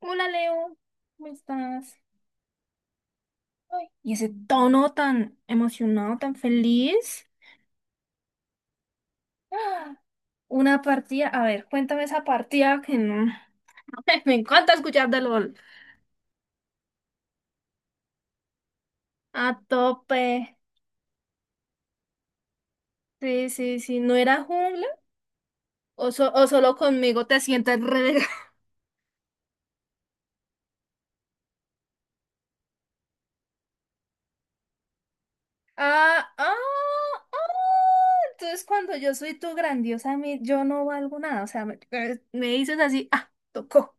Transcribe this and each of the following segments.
Hola Leo, ¿cómo estás? Ay, y ese tono tan emocionado, tan feliz. Ah, una partida, a ver, cuéntame esa partida que no. Me encanta escuchar de LOL. A tope. Sí, sí, sí, ¿no era jungla? ¿O, o solo conmigo te sientes relegado? Ah, ah, ah. Entonces cuando yo soy tu grandiosa, yo no valgo nada. O sea, me dices así, ah, tocó.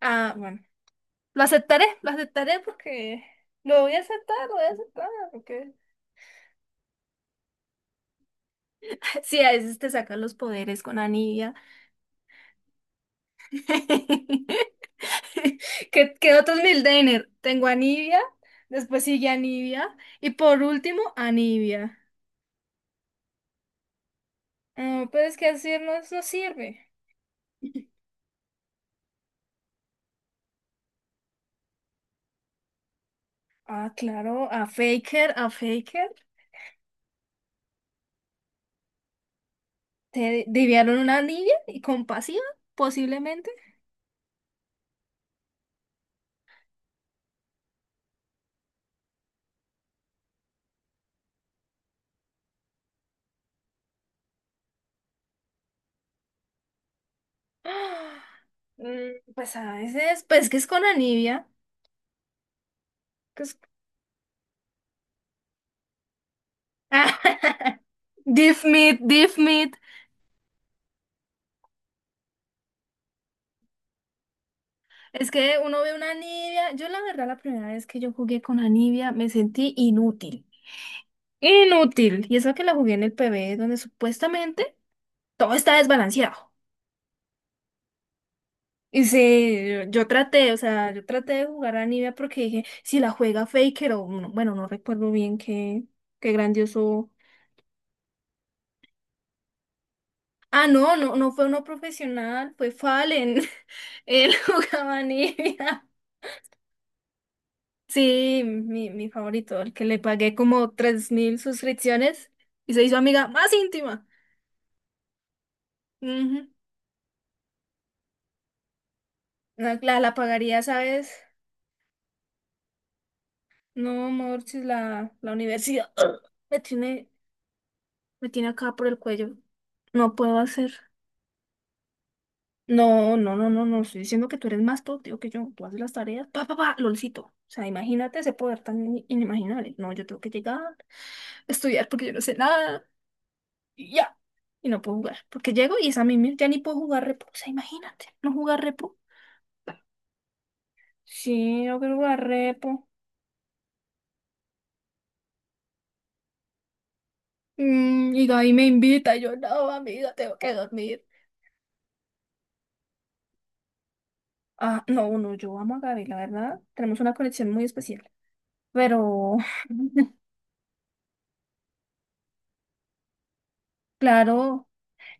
Ah, bueno. Lo aceptaré porque lo voy a aceptar, lo voy a aceptar, porque sí, a veces te sacan los poderes con Anivia. ¿Qué otros Mildener? Tengo Anivia, después sigue Anivia y por último Anivia. Ah, pero es que así no, no sirve. Ah, claro, a Faker, a Faker. ¿Te deviaron una Anivia y compasiva, posiblemente? Ah, pues a veces, pues que es con Anivia. Pues Diff Meat, Diff Meat. Es que uno ve una Nivea. Yo, la verdad, la primera vez que yo jugué con la Nivea me sentí inútil. Inútil. Y eso que la jugué en el PB, donde supuestamente todo está desbalanceado. Y sí, yo traté, o sea, yo traté de jugar a Nivea porque dije, si la juega Faker o, no- bueno, no recuerdo bien qué grandioso. Ah, no, no, no fue uno profesional, fue Fallen. Él jugaba a Nivea. Sí, mi favorito, el que le pagué como 3.000 suscripciones y se hizo amiga más íntima. Ujú. La pagaría, ¿sabes? No, Morchis, la universidad me tiene, me tiene acá por el cuello. No puedo hacer. No, no, no, no, no. Estoy diciendo que tú eres más productivo que yo. Tú haces las tareas, pa, pa, pa, lolcito. O sea, imagínate ese poder tan inimaginable. No, yo tengo que llegar, estudiar porque yo no sé nada. Y ya. Y no puedo jugar. Porque llego y esa misma ya ni puedo jugar repo. O sea, imagínate, no jugar repo. Sí, no quiero jugar repo. Y Gaby me invita, y yo no, amiga, tengo que dormir. Ah, no, no, yo amo a Gaby, la verdad. Tenemos una conexión muy especial. Pero, claro,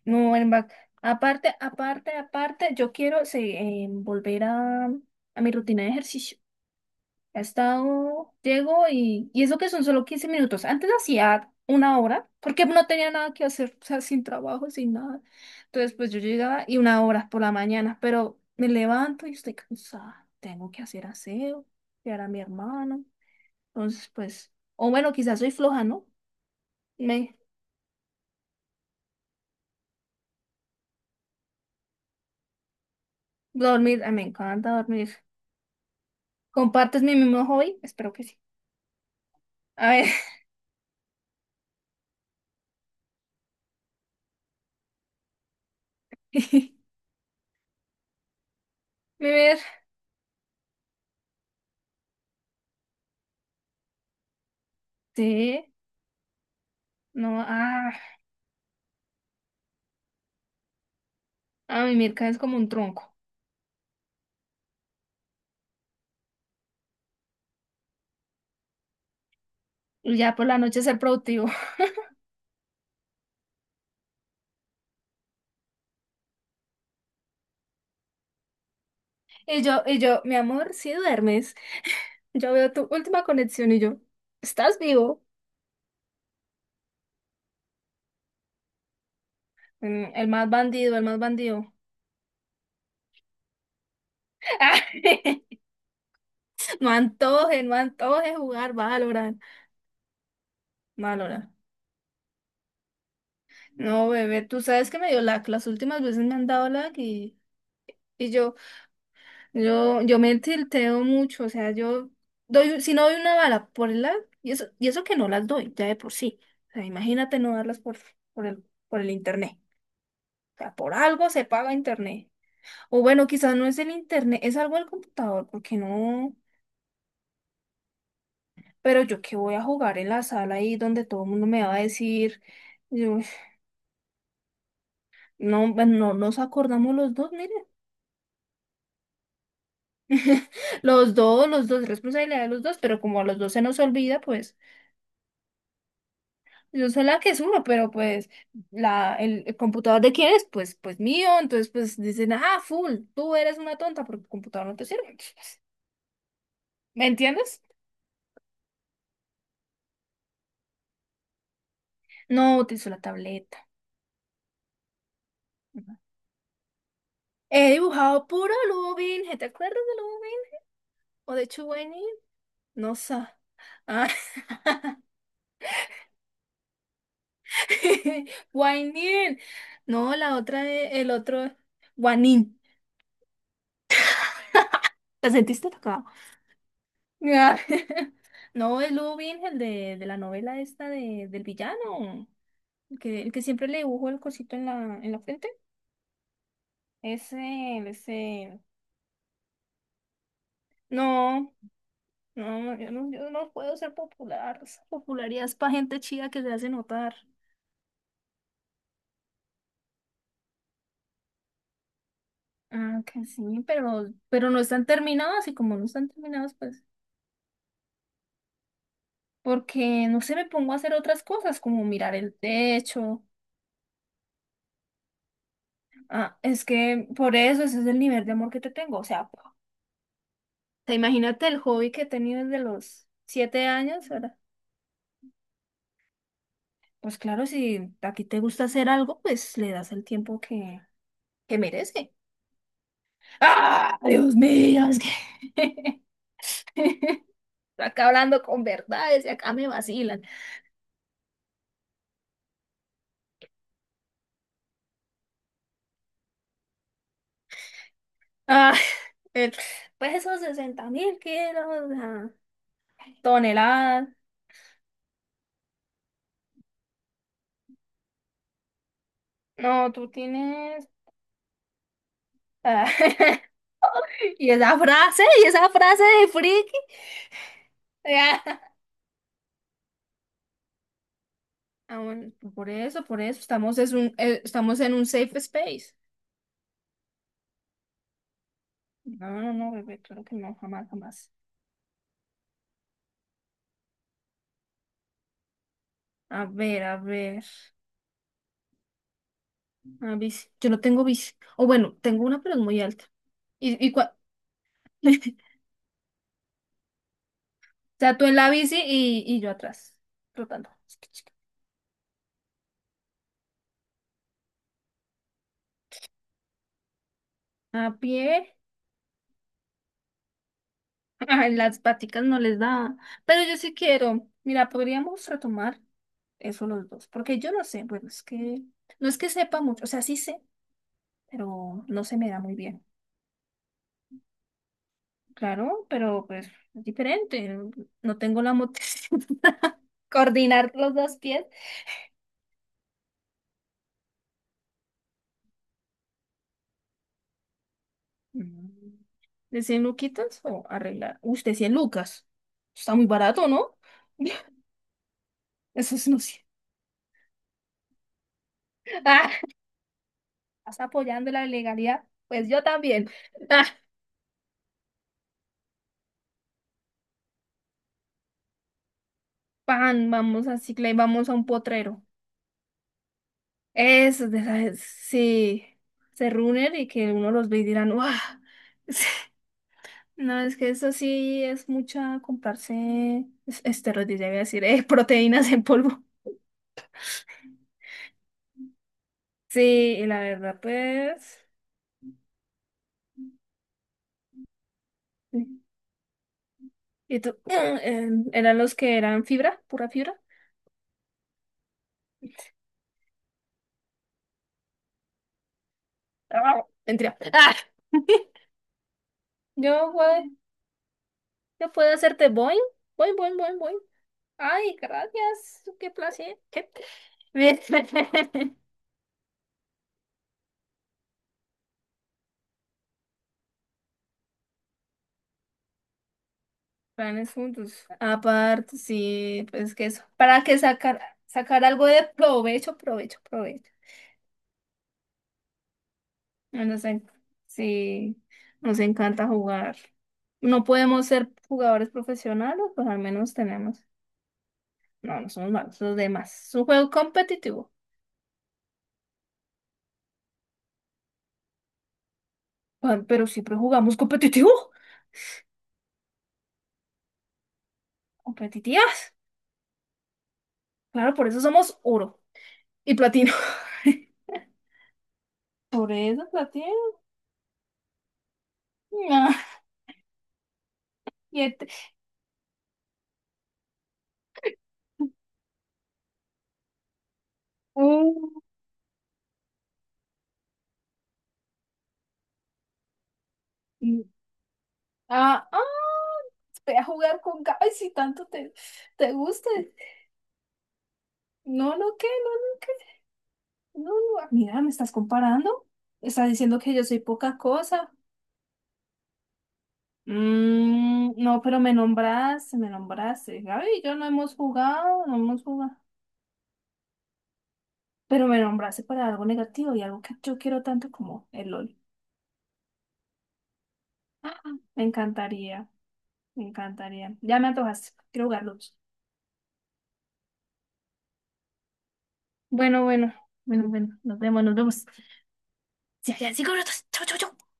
no, en back. Aparte, aparte, aparte, yo quiero sí, volver a mi rutina de ejercicio. Ha estado, llego y eso que son solo 15 minutos. Antes hacía 1 hora, porque no tenía nada que hacer, o sea, sin trabajo, sin nada. Entonces, pues yo llegaba y 1 hora por la mañana, pero me levanto y estoy cansada. Tengo que hacer aseo, cuidar a mi hermano. Entonces, pues, o bueno, quizás soy floja, ¿no? Me, Dormir, ay, me encanta dormir. ¿Compartes mi mismo hobby? Espero que sí. A ver, vivir, sí, no, ah, a mí Mirka es como un tronco. Y ya por la noche ser productivo. Y yo, mi amor, si duermes, yo veo tu última conexión y yo, ¿estás vivo? El más bandido, el más bandido. No antoje, no antoje jugar Valorant. Valorant. No, bebé, tú sabes que me dio lag. Las últimas veces me han dado lag y yo me tilteo mucho. O sea, yo doy, si no doy una bala por el lag, y eso que no las doy, ya de por sí. O sea, imagínate no darlas por el, por el internet. O sea, por algo se paga internet. O bueno, quizás no es el internet, es algo del computador, porque no. Pero yo qué voy a jugar en la sala ahí donde todo el mundo me va a decir, yo, no, bueno, no nos acordamos los dos, miren. Los dos, responsabilidad de los dos, pero como a los dos se nos olvida, pues yo soy la que es uno, pero pues el computador de quién es, pues, pues mío. Entonces, pues dicen, ah, full, tú eres una tonta porque el computador no te sirve. ¿Me entiendes? No utilizo la tableta. He dibujado puro Lubin. ¿Te acuerdas de Lubin? ¿O de Chuwainin? No sé. Ah. Wainin. No, la otra, el otro. Wanin. ¿Te sentiste tocado? Ah. No, el Lubin, el de la novela esta de, del villano. El que siempre le dibujó el cosito en la frente. Ese, ese. No, no, yo no, yo no puedo ser popular. Esa popularidad es para gente chida que se hace notar. Ah, que sí, pero no están terminados y como no están terminados, pues, porque no se me pongo a hacer otras cosas como mirar el techo. Ah, es que por eso ese es el nivel de amor que te tengo. O sea, te imagínate el hobby que he tenido desde los 7 años, ¿verdad? Pues claro, si a ti te gusta hacer algo, pues le das el tiempo que merece. ¡Ah! Dios mío, es que estoy acá hablando con verdades y acá me vacilan. ah El- pues esos 60 mil kilos, ah, toneladas. No, tú tienes. ah, y esa frase de friki. Ya. Ah, bueno, por eso, estamos en un safe space. No, no, no, bebé, claro que no, jamás, jamás. A ver, a ver. Ah, bici. Yo no tengo bici. O bueno, tengo una, pero es muy alta. Y, y cua- O sea, tú en la bici y yo atrás, trotando. A pie. Ay, las paticas no les da. Pero yo sí quiero. Mira, podríamos retomar eso los dos. Porque yo no sé, bueno, es que no es que sepa mucho. O sea, sí sé, pero no se me da muy bien. Claro, pero pues es diferente. No No tengo la motricidad. Coordinar los dos pies. Mm. ¿De 100 luquitas o arreglar? Uy, de 100 lucas. Está muy barato, ¿no? Eso es no sé. Ah, estás apoyando la legalidad. Pues yo también. Pan, vamos a Cicla y vamos a un potrero. Eso, de esas, sí, se reúnen y que uno los ve y dirán, ¡guau! Sí. No, es que eso sí es mucha comprarse esteroides, ya iba a decir, proteínas en polvo. Sí, y la verdad, pues. Sí. ¿Y tú? ¿Eran los que eran fibra? ¿Pura fibra? ¡Ah! Mentira. ¡Ah! Yo, güey, yo puedo hacerte boing, boing, boing, boing, boing. Ay, gracias, qué placer. Bien. Planes juntos. Aparte, sí, pues que eso. Para que sacar algo de provecho, provecho, provecho. No. Sí, nos encanta jugar. No podemos ser jugadores profesionales, pues al menos tenemos. No, no somos malos, los demás. Es un juego competitivo. Ah, pero siempre jugamos competitivo. Competitivas. Claro, por eso somos oro y platino. Por eso platino. Ah, y este- Mm. Ah, ah, ve a jugar con Gaby si tanto te gusta. No, no, ¿qué? No, no, ¿qué? No, no, ah, mira, ¿me estás comparando? ¿Estás diciendo que yo soy poca cosa? No, pero me nombraste, me nombraste. Gaby y yo no hemos jugado, no hemos jugado. Pero me nombraste para algo negativo y algo que yo quiero tanto como el LOL. Ah, me encantaría, me encantaría. Ya me antojaste, quiero jugarlos. Bueno, bueno, bueno, bueno, nos vemos, nos vemos. Ya, ya, 5 minutos. Chau, chau, chau.